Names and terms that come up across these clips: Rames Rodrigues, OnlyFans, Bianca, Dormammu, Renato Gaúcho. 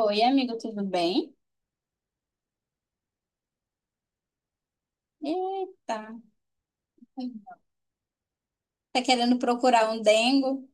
Oi, amigo, tudo bem? Eita, tá querendo procurar um dengo?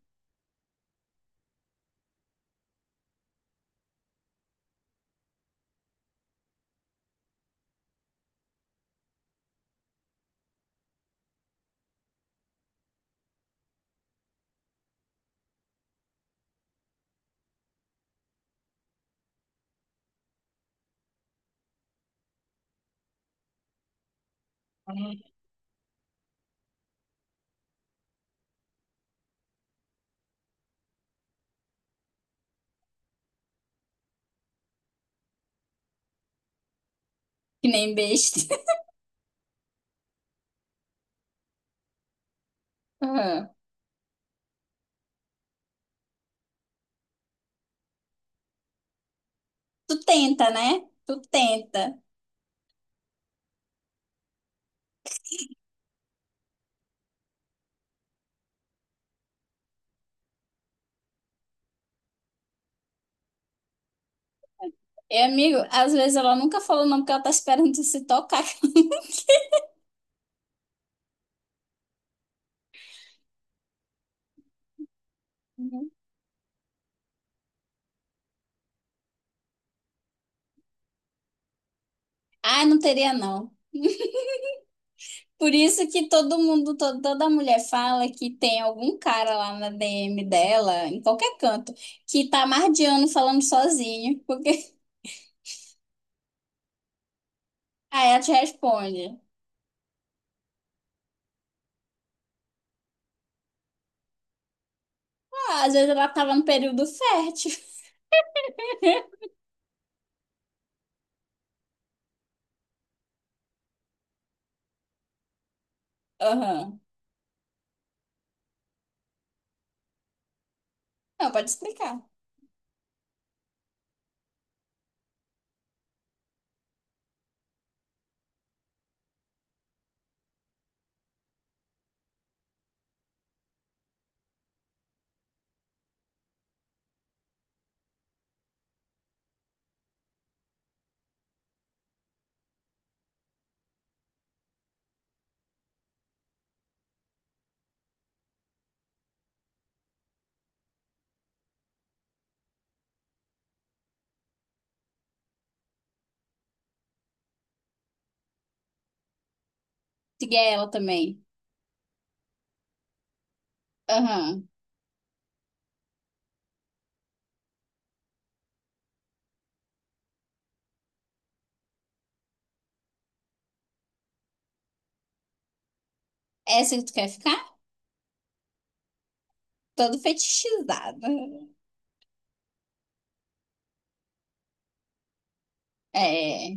Que nem besta. Aham. Tu tenta, né? Tu tenta. E, amigo, às vezes ela nunca falou não porque ela tá esperando tu se tocar. Uhum. Ah, não teria não. Por isso que todo mundo, toda mulher fala que tem algum cara lá na DM dela, em qualquer canto, que tá mardeando falando sozinho, porque aí ela te responde. Ah, às vezes ela tava no período fértil. Aham. Não, pode explicar. Siga ela também. Aham. Essa que tu quer ficar? Todo fetichizada. É.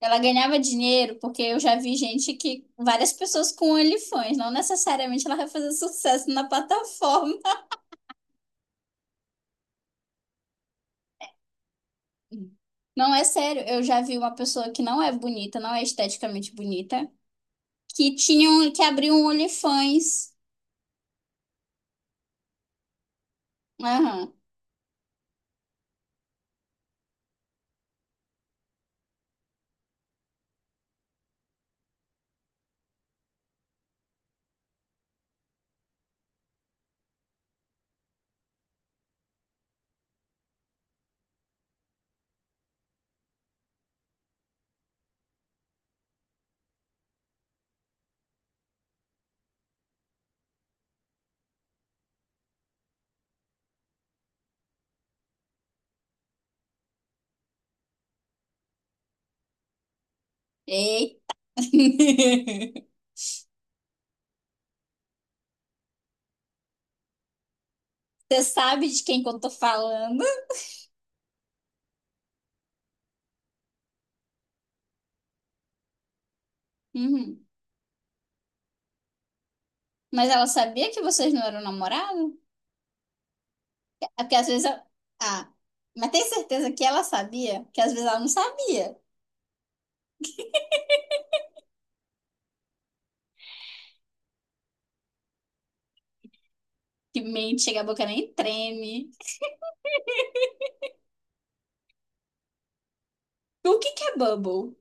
Ela ganhava dinheiro porque eu já vi gente que. Várias pessoas com OnlyFans. Não necessariamente ela vai fazer sucesso na plataforma. Não, é sério. Eu já vi uma pessoa que não é bonita, não é esteticamente bonita, que tinha um, que abriu um OnlyFans. Aham. Ei. Você sabe de quem que eu tô falando? Uhum. Mas ela sabia que vocês não eram namorados? É porque às vezes. Ah, mas tem certeza que ela sabia? Que às vezes ela não sabia. Que mente, chega a boca nem treme. O que que é bubble?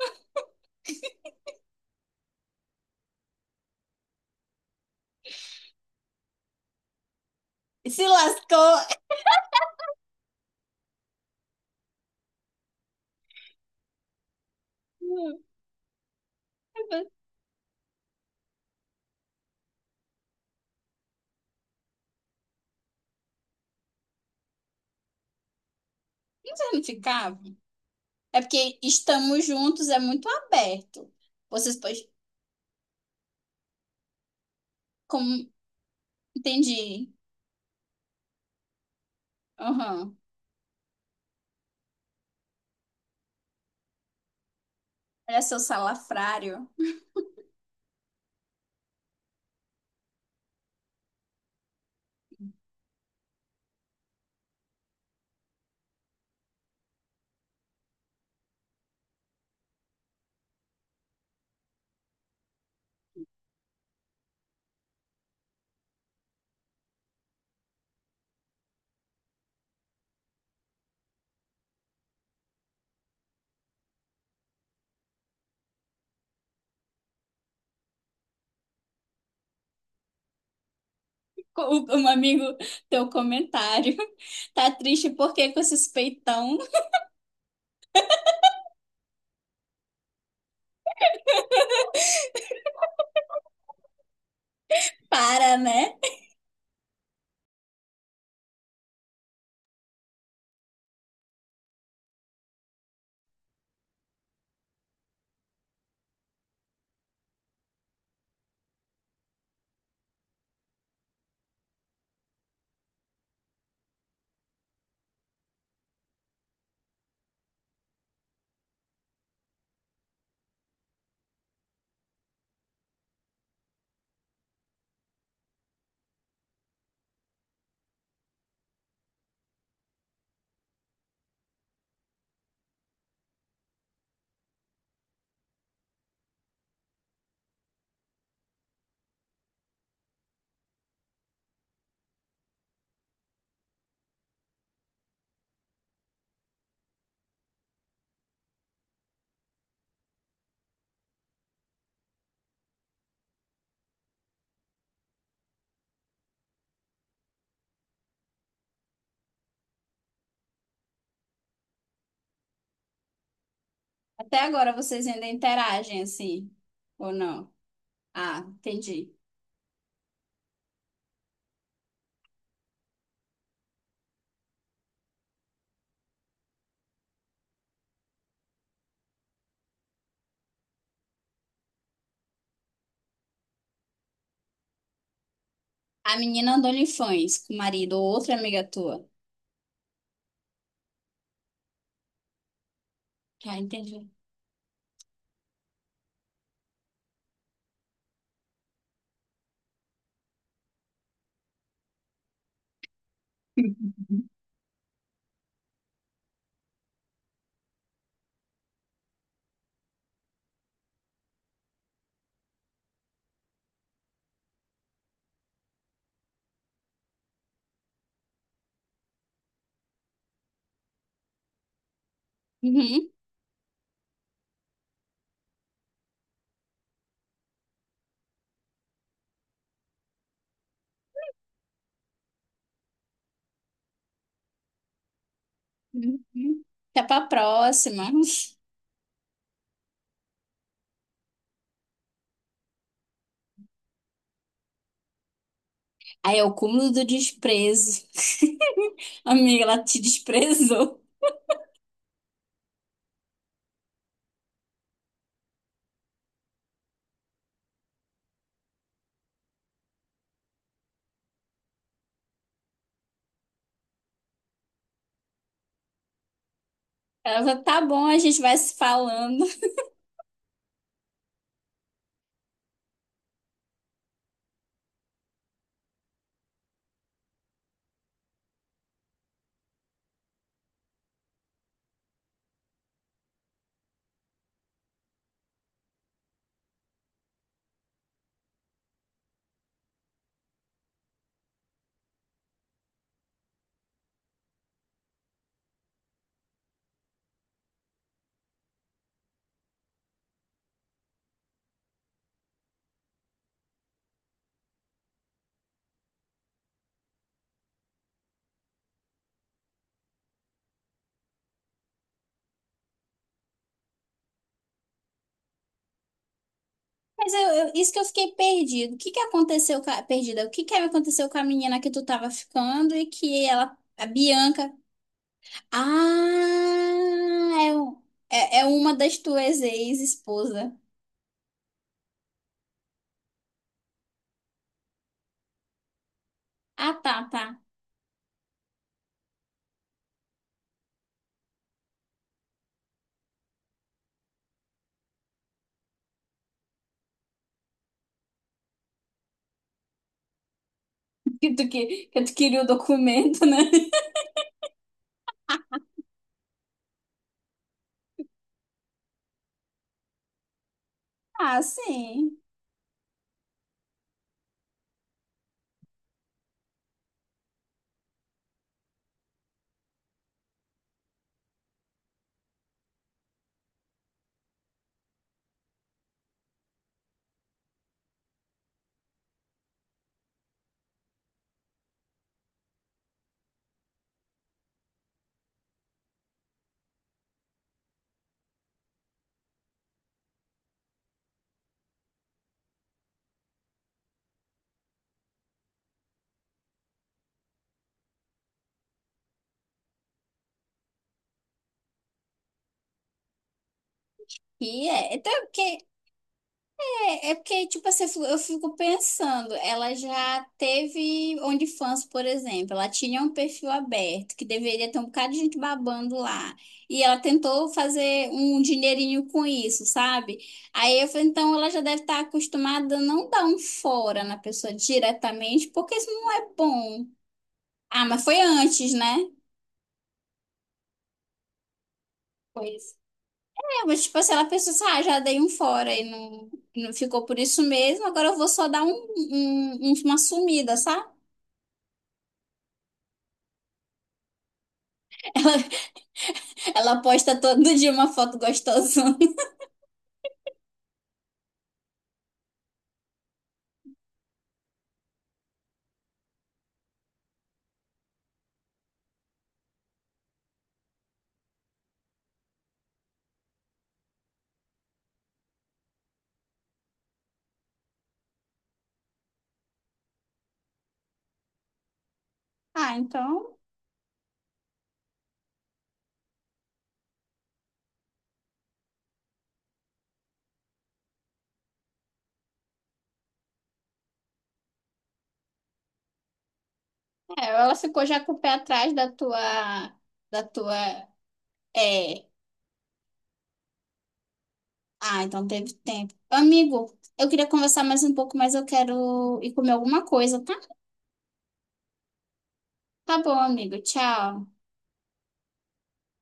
Se lascou. Vocês não ficavam? É porque estamos juntos é muito aberto. Vocês podem. Como... Entendi. Aham. Olha seu salafrário. Um amigo, teu comentário. Tá triste porque com esses peitão. Para, né? Até agora vocês ainda interagem assim, ou não? Ah, entendi. A menina andou em fãs com o marido ou outra amiga tua. Tá, entendi. Uhum, uhum. Até pra próxima. Aí é o cúmulo do desprezo. Amiga, ela te desprezou. Ela falou, tá bom, a gente vai se falando. Mas eu, isso que eu fiquei perdido. O que que aconteceu com a, perdida? O que que aconteceu com a menina que tu tava ficando e que ela, a Bianca? Ah, é, é, é uma das tuas ex-esposa. Ah, tá, tá. Que tu queria o documento, né? Ah, sim. E é. Então, que é, é porque, tipo assim, eu fico pensando, ela já teve OnlyFans, por exemplo, ela tinha um perfil aberto, que deveria ter um bocado de gente babando lá, e ela tentou fazer um dinheirinho com isso, sabe? Aí eu falei, então ela já deve estar acostumada a não dar um fora na pessoa diretamente, porque isso não é bom. Ah, mas foi antes, né? Pois. É, mas tipo assim, ela pensou assim, ah, já dei um fora e não, não ficou por isso mesmo, agora eu vou só dar um, uma sumida, sabe? Ela posta todo dia uma foto gostosona. Ah, então, é, ela ficou já com o pé atrás da tua, é. Ah, então teve tempo. Amigo, eu queria conversar mais um pouco, mas eu quero ir comer alguma coisa, tá? Tá bom, amigo. Tchau.